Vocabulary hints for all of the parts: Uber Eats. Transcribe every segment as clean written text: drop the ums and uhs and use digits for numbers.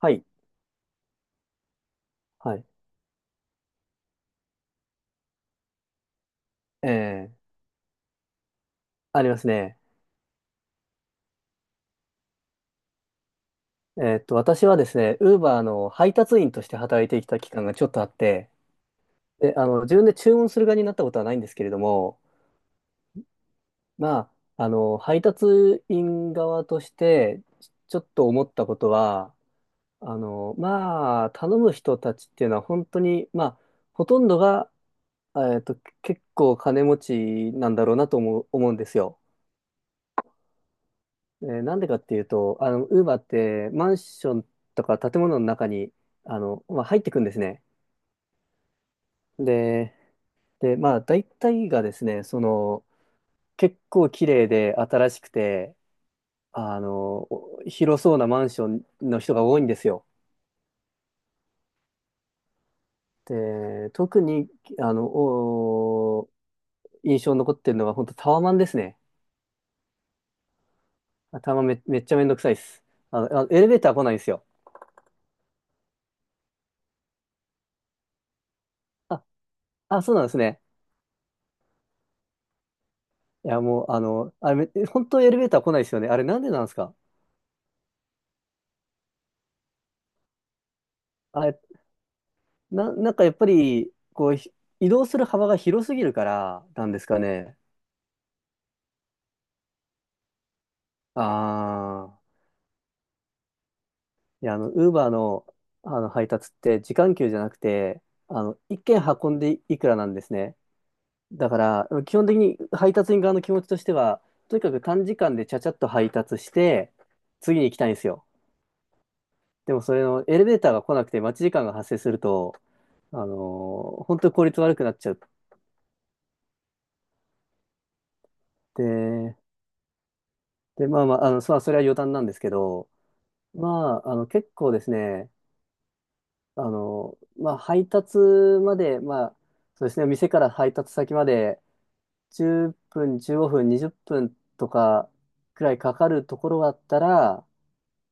はい。はい。ええ、ありますね。私はですね、ウーバーの配達員として働いてきた期間がちょっとあって、で、自分で注文する側になったことはないんですけれども、まあ、配達員側として、ちょっと思ったことは、まあ、頼む人たちっていうのは本当に、まあ、ほとんどが、えっと、結構金持ちなんだろうなと思うんですよ。なんでかっていうと、ウーバーってマンションとか建物の中に、まあ、入ってくんですね。で、で、まあ、大体がですね、その、結構綺麗で新しくて、あの、広そうなマンションの人が多いんですよ。で、特に、あの、お印象に残ってるのが本当タワマンですね。タワマンめっちゃめんどくさいです。エレベーター来ないんですよ。あ、あ、そうなんですね。いや、もう、あれ、本当エレベーター来ないですよね。あれ、なんでなんですか？あ、えなんかやっぱり、こう、移動する幅が広すぎるからなんですかね。ああ、いや、ウーバーの、配達って時間給じゃなくて、一件運んでいくらなんですね。だから、基本的に配達員側の気持ちとしては、とにかく短時間でちゃちゃっと配達して、次に行きたいんですよ。でも、それのエレベーターが来なくて待ち時間が発生すると、あの本当に効率悪くなっちゃって、で、まあまあ、それは余談なんですけど、まあ、結構ですね、まあ、配達まで、まあ、そうですね、店から配達先まで10分、15分、20分とかくらいかかるところだったら、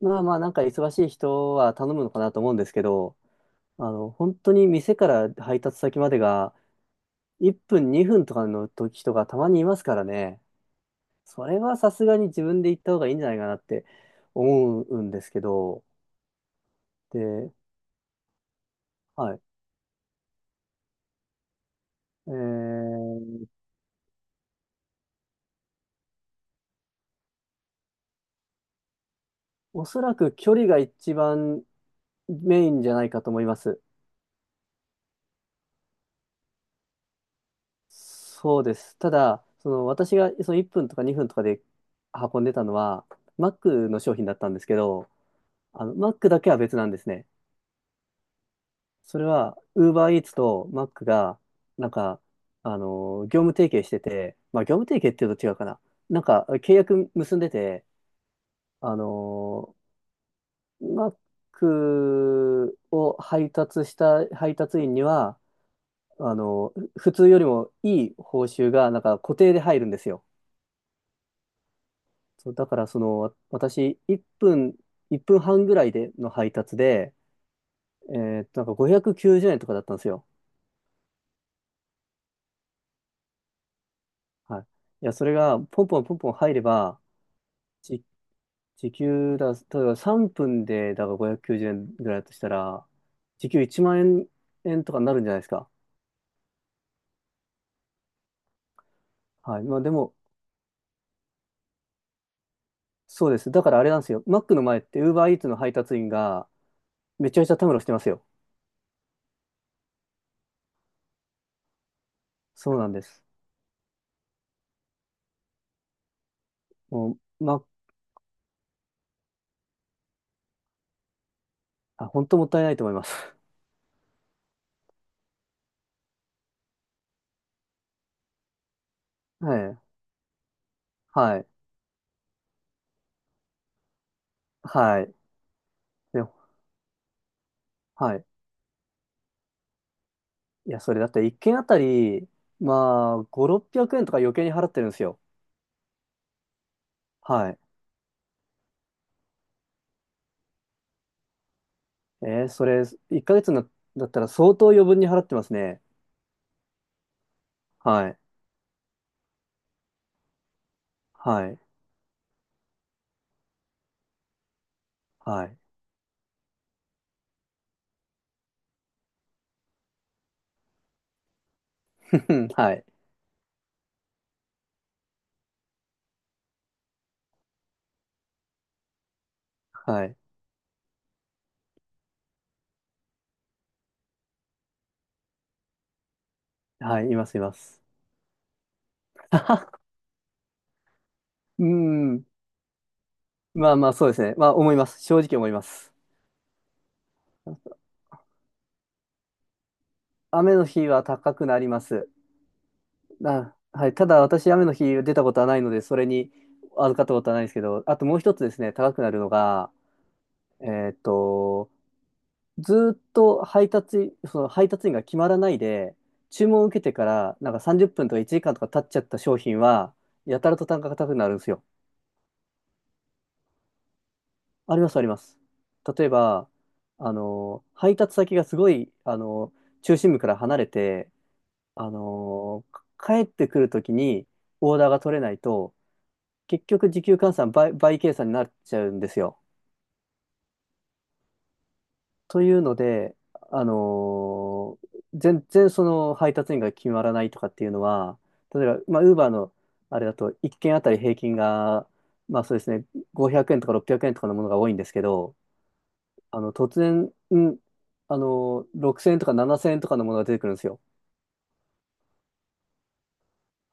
まあまあ、なんか忙しい人は頼むのかなと思うんですけど、本当に店から配達先までが1分、2分とかの時とかたまにいますからね、それはさすがに自分で行った方がいいんじゃないかなって思うんですけど、で、はい。えーおそらく距離が一番メインじゃないかと思います。そうです。ただ、その私がその1分とか2分とかで運んでたのは、Mac の商品だったんですけど、Mac だけは別なんですね。それは、UberEats と Mac が、なんか、業務提携してて、まあ、業務提携っていうと違うかな。なんか、契約結んでて、あの、Mac を配達した配達員には、普通よりもいい報酬が、なんか固定で入るんですよ。そう、だからその、私、1分、1分半ぐらいでの配達で、えなんか590円とかだったんですよ。はい。いや、それが、ポンポンポンポン入れば、じ、時給だ、例えば3分で、だから590円ぐらいだとしたら、時給1万円とかになるんじゃないですか。はい。まあでも、そうです。だからあれなんですよ。マックの前って、ウーバーイーツの配達員が、めちゃめちゃたむろしてますよ。そうなんです。もう、ま、あ、本当もったいないと思います。はい。はい。はい。で、はい。いや、それだって一軒あたり、まあ、5、600円とか余計に払ってるんですよ。はい。それ、1ヶ月だったら相当余分に払ってますね。はい。はい。はい。はい。はい。はい。います、います。うん。まあまあ、そうですね。まあ、思います。正直思います。雨の日は高くなります。あ、はい。ただ、私、雨の日出たことはないので、それに預かったことはないんですけど、あともう一つですね、高くなるのが、えーっと、ずーっと配達、その配達員が決まらないで、注文を受けてから、なんか30分とか1時間とか経っちゃった商品は、やたらと単価が高くなるんですよ。あります、あります。例えば、配達先がすごい、中心部から離れて、あの、帰ってくるときにオーダーが取れないと、結局時給換算倍計算になっちゃうんですよ。というので、あのー全然その配達員が決まらないとかっていうのは、例えば、まあ、ウーバーのあれだと1件あたり平均が、まあそうですね、500円とか600円とかのものが多いんですけど、突然、6000円とか7000円とかのものが出てくるんですよ。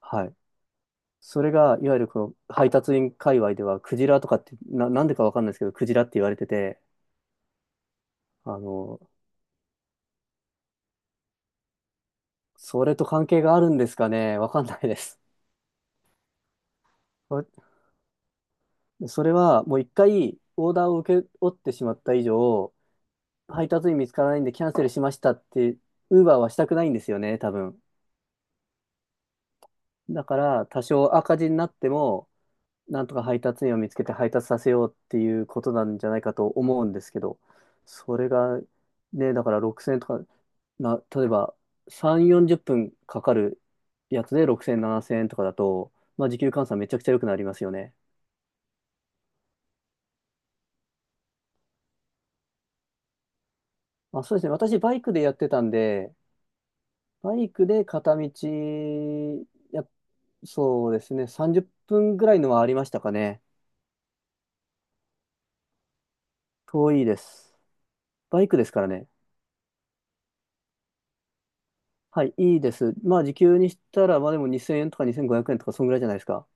はい。それが、いわゆるこの配達員界隈では、クジラとかって、なんでかわかんないですけど、クジラって言われてて、あのそれと関係があるんですかね。わかんないです。わそれはもう一回オーダーを受け負ってしまった以上、配達員見つからないんでキャンセルしましたって、ウーバーはしたくないんですよね、多分。だから多少赤字になっても、なんとか配達員を見つけて配達させようっていうことなんじゃないかと思うんですけど、それがね、だから6000円とか、例えば3、40分かかるやつで6000、7000円とかだと、まあ時給換算めちゃくちゃ良くなりますよね。まあ、そうですね。私、バイクでやってたんで、バイクで片道、や、そうですね。30分ぐらいのはありましたかね。遠いです。バイクですからね。はい、いいです。まあ、時給にしたら、まあでも2000円とか2500円とか、そんぐらいじゃないですか。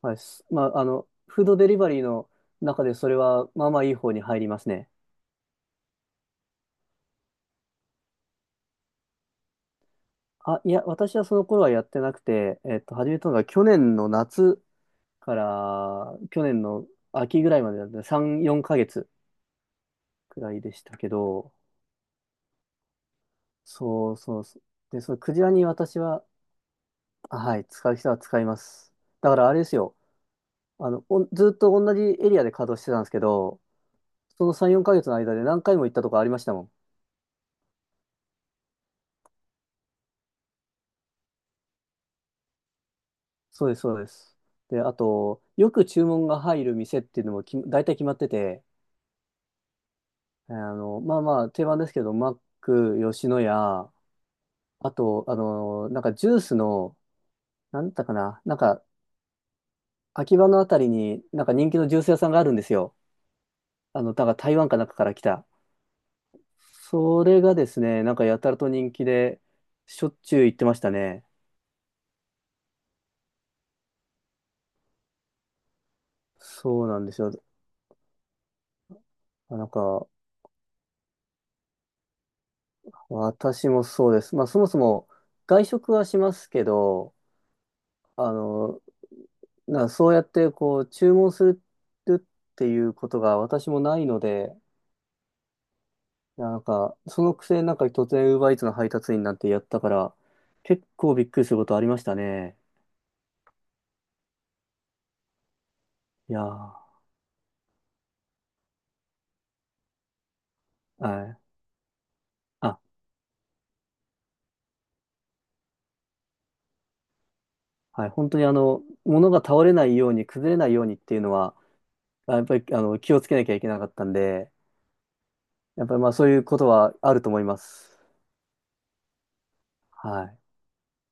はい。まあ、フードデリバリーの中で、それは、まあまあいい方に入りますね。あ、いや、私はその頃はやってなくて、始めたのが去年の夏から、去年の秋ぐらいまでだった3、4ヶ月くらいでしたけど、そうそうそう。で、そのクジラに私は、はい、使う人は使います。だからあれですよ。ずっと同じエリアで稼働してたんですけど、その3、4ヶ月の間で何回も行ったとこありましたもん。そうです、そうです。で、あと、よく注文が入る店っていうのも大体決まってて、まあまあ、定番ですけど、マック、吉野家、あと、なんかジュースの、なんだったかな、なんか、秋葉のあたりになんか人気のジュース屋さんがあるんですよ。だから台湾かなんかから来た。それがですね、なんかやたらと人気で、しょっちゅう行ってましたね。そうなんですよ。なんか、私もそうです。まあ、そもそも外食はしますけど、あの、そうやってこう、注文するっていうことが私もないので、なんか、そのくせなんか突然 Uber Eats の配達員なんてやったから、結構びっくりすることありましたね。いやー、はい。あはい、本当に物が倒れないように、崩れないようにっていうのは、やっぱり気をつけなきゃいけなかったんで、やっぱりまあそういうことはあると思います。はい。